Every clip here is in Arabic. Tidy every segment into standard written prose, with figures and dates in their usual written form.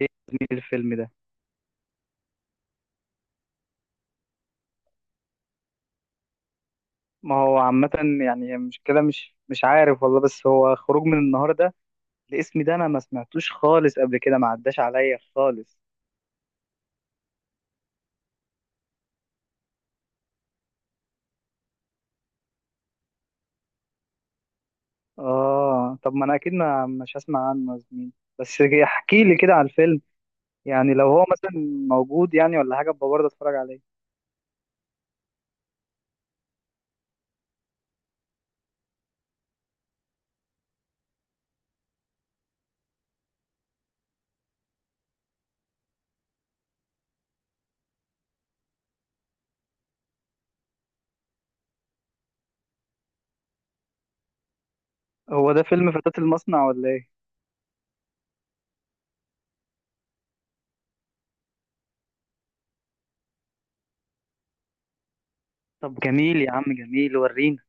ايه يا زميلي الفيلم ده. ما هو عامة يعني مش كده مش مش عارف والله، بس هو خروج من النهار ده، الاسم ده انا ما سمعتوش خالص قبل كده، ما عداش عليا خالص. اه طب ما انا اكيد ما مش هسمع عنه يا زميلي، بس احكي لي كده على الفيلم، يعني لو هو مثلا موجود يعني ولا حاجة ابقى برضه اتفرج عليه. هو ده فيلم فتاة المصنع ولا ايه؟ طب جميل يا عم، جميل، ورينا.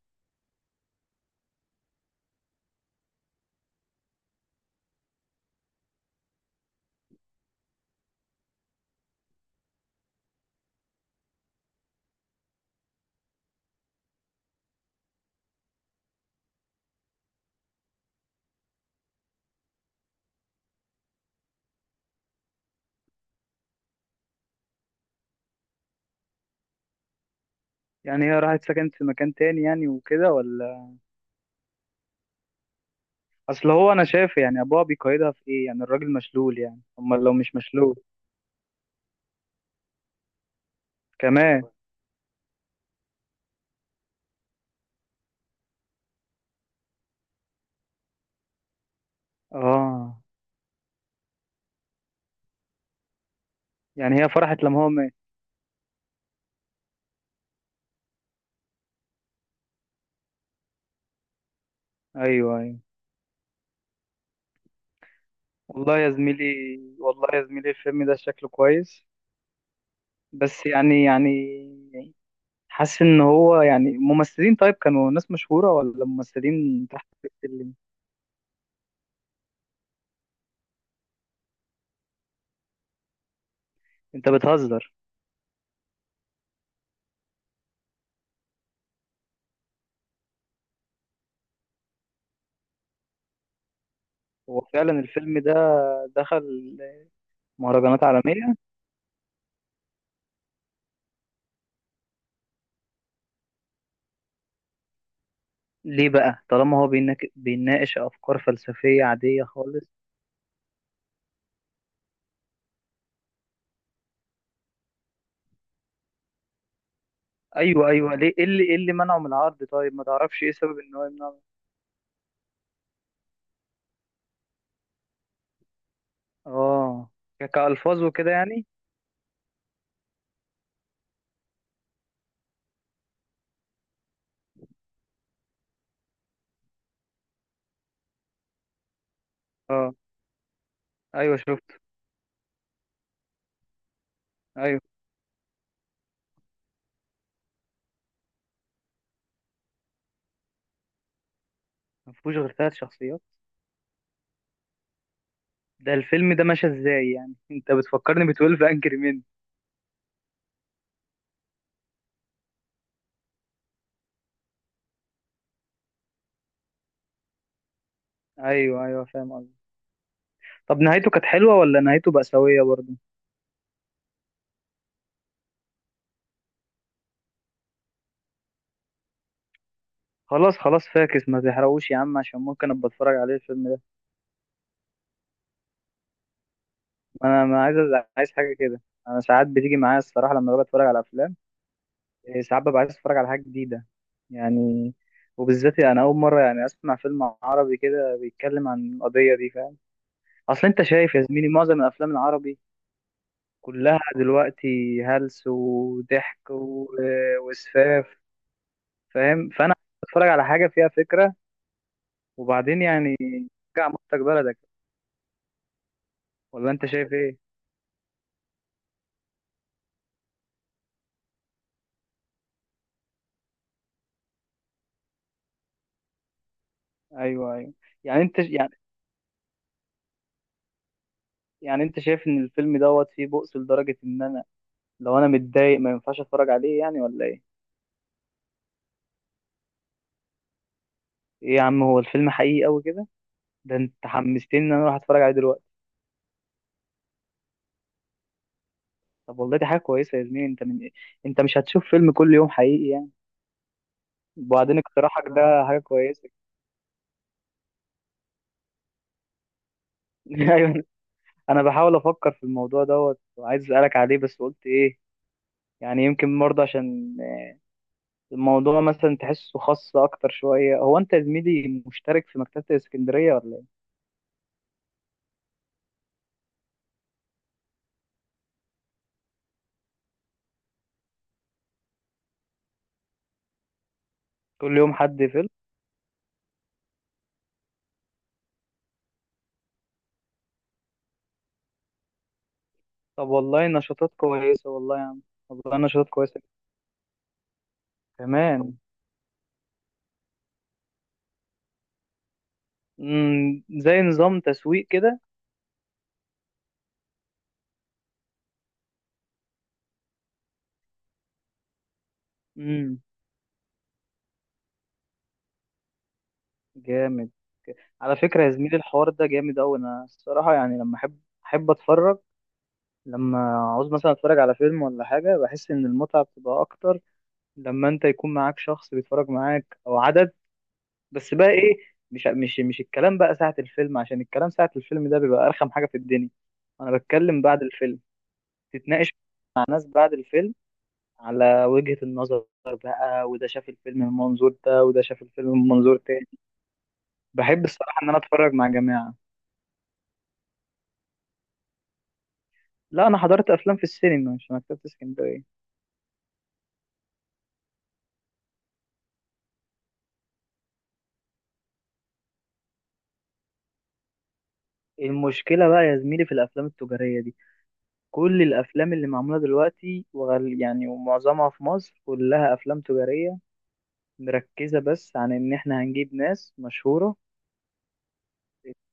يعني هي راحت سكنت في مكان تاني يعني وكده ولا؟ اصل هو انا شايف يعني ابوها بيقيدها في ايه يعني، الراجل مشلول، يعني امال لو مش مشلول كمان. اه، يعني هي فرحت لما هو مات؟ ايوه ايوه. والله يا زميلي، والله يا زميلي الفيلم ده شكله كويس، بس يعني يعني حاسس ان هو يعني ممثلين طيب كانوا ناس مشهورة ولا ممثلين تحت السلم؟ انت بتهزر. هو فعلا الفيلم ده دخل مهرجانات عالمية. ليه بقى طالما هو بيناقش افكار فلسفية عادية خالص؟ ايوه ايوه، ليه ايه اللي منعه من العرض؟ طيب ما تعرفش ايه سبب ان هو يمنعه؟ اه، كألفاظ وكده يعني؟ اه. ايوه شفت. ايوه، ما فيهوش غير ثلاث شخصيات؟ ده الفيلم ده ماشي ازاي يعني؟ انت بتفكرني ب 12 انجري مان. ايوه ايوه فاهم قصدي. طب نهايته كانت حلوه ولا نهايته بأساوية برضه؟ خلاص خلاص فاكس، ما تحرقوش يا عم، عشان ممكن ابقى اتفرج عليه الفيلم ده. انا ما عايز عايز حاجه كده. انا ساعات بتيجي معايا الصراحه لما ببقى اتفرج على افلام، إيه، ساعات ببقى عايز اتفرج على حاجه جديده يعني، وبالذات يعني انا اول مره يعني اسمع فيلم عربي كده بيتكلم عن القضيه دي، فاهم؟ اصل انت شايف يا زميلي معظم الافلام العربي كلها دلوقتي هلس وضحك وسفاف، فاهم؟ فانا بتفرج على حاجه فيها فكره، وبعدين يعني ترجع مصدر بلدك، ولا انت شايف ايه؟ ايوه ايوه. يعني انت يعني يعني انت شايف ان الفيلم دوت فيه بؤس لدرجه ان انا لو انا متضايق ما ينفعش اتفرج عليه يعني ولا ايه؟ ايه يا عم، هو الفيلم حقيقي قوي كده؟ ده انت حمستني ان انا اروح اتفرج عليه دلوقتي. طب والله دي حاجه كويسه يا زميلي، انت من إيه؟ انت مش هتشوف فيلم كل يوم حقيقي يعني، وبعدين اقتراحك ده حاجه كويسه. ايوه، انا بحاول افكر في الموضوع دوت وعايز اسالك عليه بس قلت ايه؟ يعني يمكن برضه عشان الموضوع مثلا تحسه خاص اكتر شويه. هو انت يا زميلي مشترك في مكتبه الاسكندريه ولا ايه؟ كل يوم حد فيلم؟ طب والله نشاطات كويسه والله يا عم، والله نشاطات كويسه كمان. امم، زي نظام تسويق كده؟ امم، جامد. على فكره يا زميلي الحوار ده جامد قوي. انا الصراحه يعني لما احب احب اتفرج، لما عاوز مثلا اتفرج على فيلم ولا حاجه، بحس ان المتعه بتبقى اكتر لما انت يكون معاك شخص بيتفرج معاك او عدد. بس بقى ايه، مش الكلام بقى ساعة الفيلم، عشان الكلام ساعة الفيلم ده بيبقى ارخم حاجة في الدنيا. انا بتكلم بعد الفيلم، تتناقش مع ناس بعد الفيلم على وجهة النظر بقى، وده شاف الفيلم من منظور ده وده شاف الفيلم من منظور تاني. بحب الصراحة ان انا اتفرج مع جماعة. لا انا حضرت افلام في السينما، مش في مكتبة اسكندرية. المشكلة بقى يا زميلي في الافلام التجارية دي، كل الافلام اللي معموله دلوقتي وغال يعني ومعظمها في مصر كلها افلام تجاريه، مركزه بس عن ان احنا هنجيب ناس مشهوره،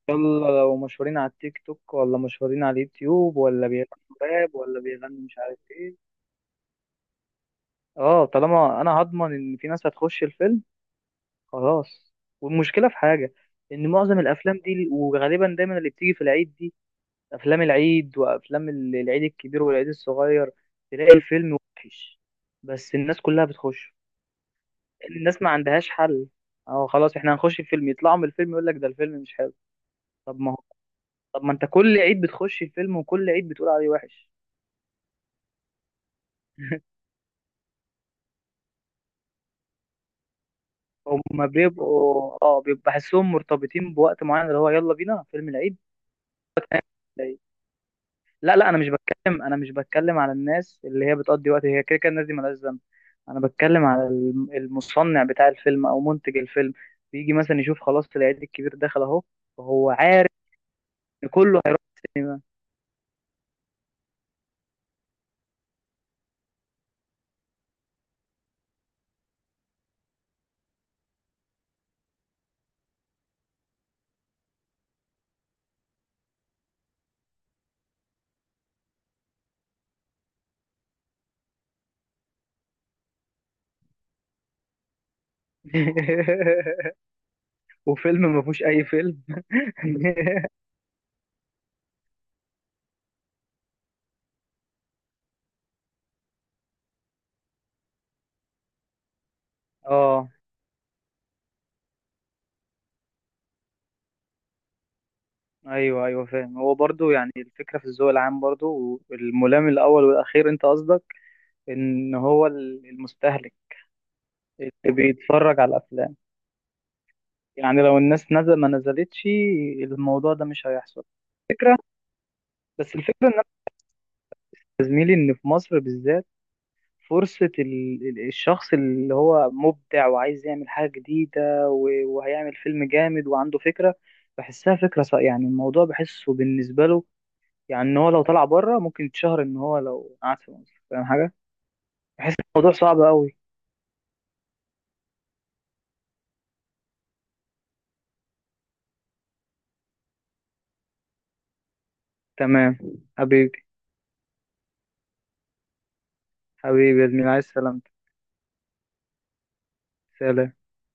يلا لو مشهورين على التيك توك ولا مشهورين على اليوتيوب ولا بيغنوا راب ولا بيغنوا مش عارف ايه. اه طالما انا هضمن ان في ناس هتخش الفيلم خلاص. والمشكله في حاجه، ان معظم الافلام دي وغالبا دايما اللي بتيجي في العيد دي، افلام العيد وافلام العيد الكبير والعيد الصغير، تلاقي الفيلم وحش بس الناس كلها بتخش، الناس ما عندهاش حل. اه خلاص احنا هنخش الفيلم، يطلعوا من الفيلم يقول لك ده الفيلم مش حلو. طب ما هو طب ما انت كل عيد بتخش الفيلم وكل عيد بتقول عليه وحش. هما بيبقوا اه بيبقى بحسهم مرتبطين بوقت معين اللي هو يلا بينا فيلم العيد. العيد. لا لا انا مش بتكلم، انا مش بتكلم على الناس اللي هي بتقضي وقت، هي كده كده الناس دي مالهاش ذنب. انا بتكلم على المصنع بتاع الفيلم او منتج الفيلم، بيجي مثلا يشوف خلاص العيد الكبير دخل اهو، فهو عارف ان كله هيروح السينما. وفيلم ما فيهوش اي فيلم. اه ايوه ايوه فاهم. هو برضو يعني الفكره في الذوق العام برضو والملام الاول والاخير، انت قصدك ان هو المستهلك اللي بيتفرج على الافلام، يعني لو الناس نزل ما نزلتش الموضوع ده مش هيحصل، فكره. بس الفكره ان انا يا زميلي ان في مصر بالذات، فرصه الشخص اللي هو مبدع وعايز يعمل حاجه جديده وهيعمل فيلم جامد وعنده فكره، بحسها فكره يعني الموضوع بحسه بالنسبه له يعني، ان هو لو طلع بره ممكن يتشهر، ان هو لو قعد في مصر، فاهم حاجه، بحس الموضوع صعب قوي. تمام. حبيبي، حبيبي يا زميلي، عايز سلامتك. سلام.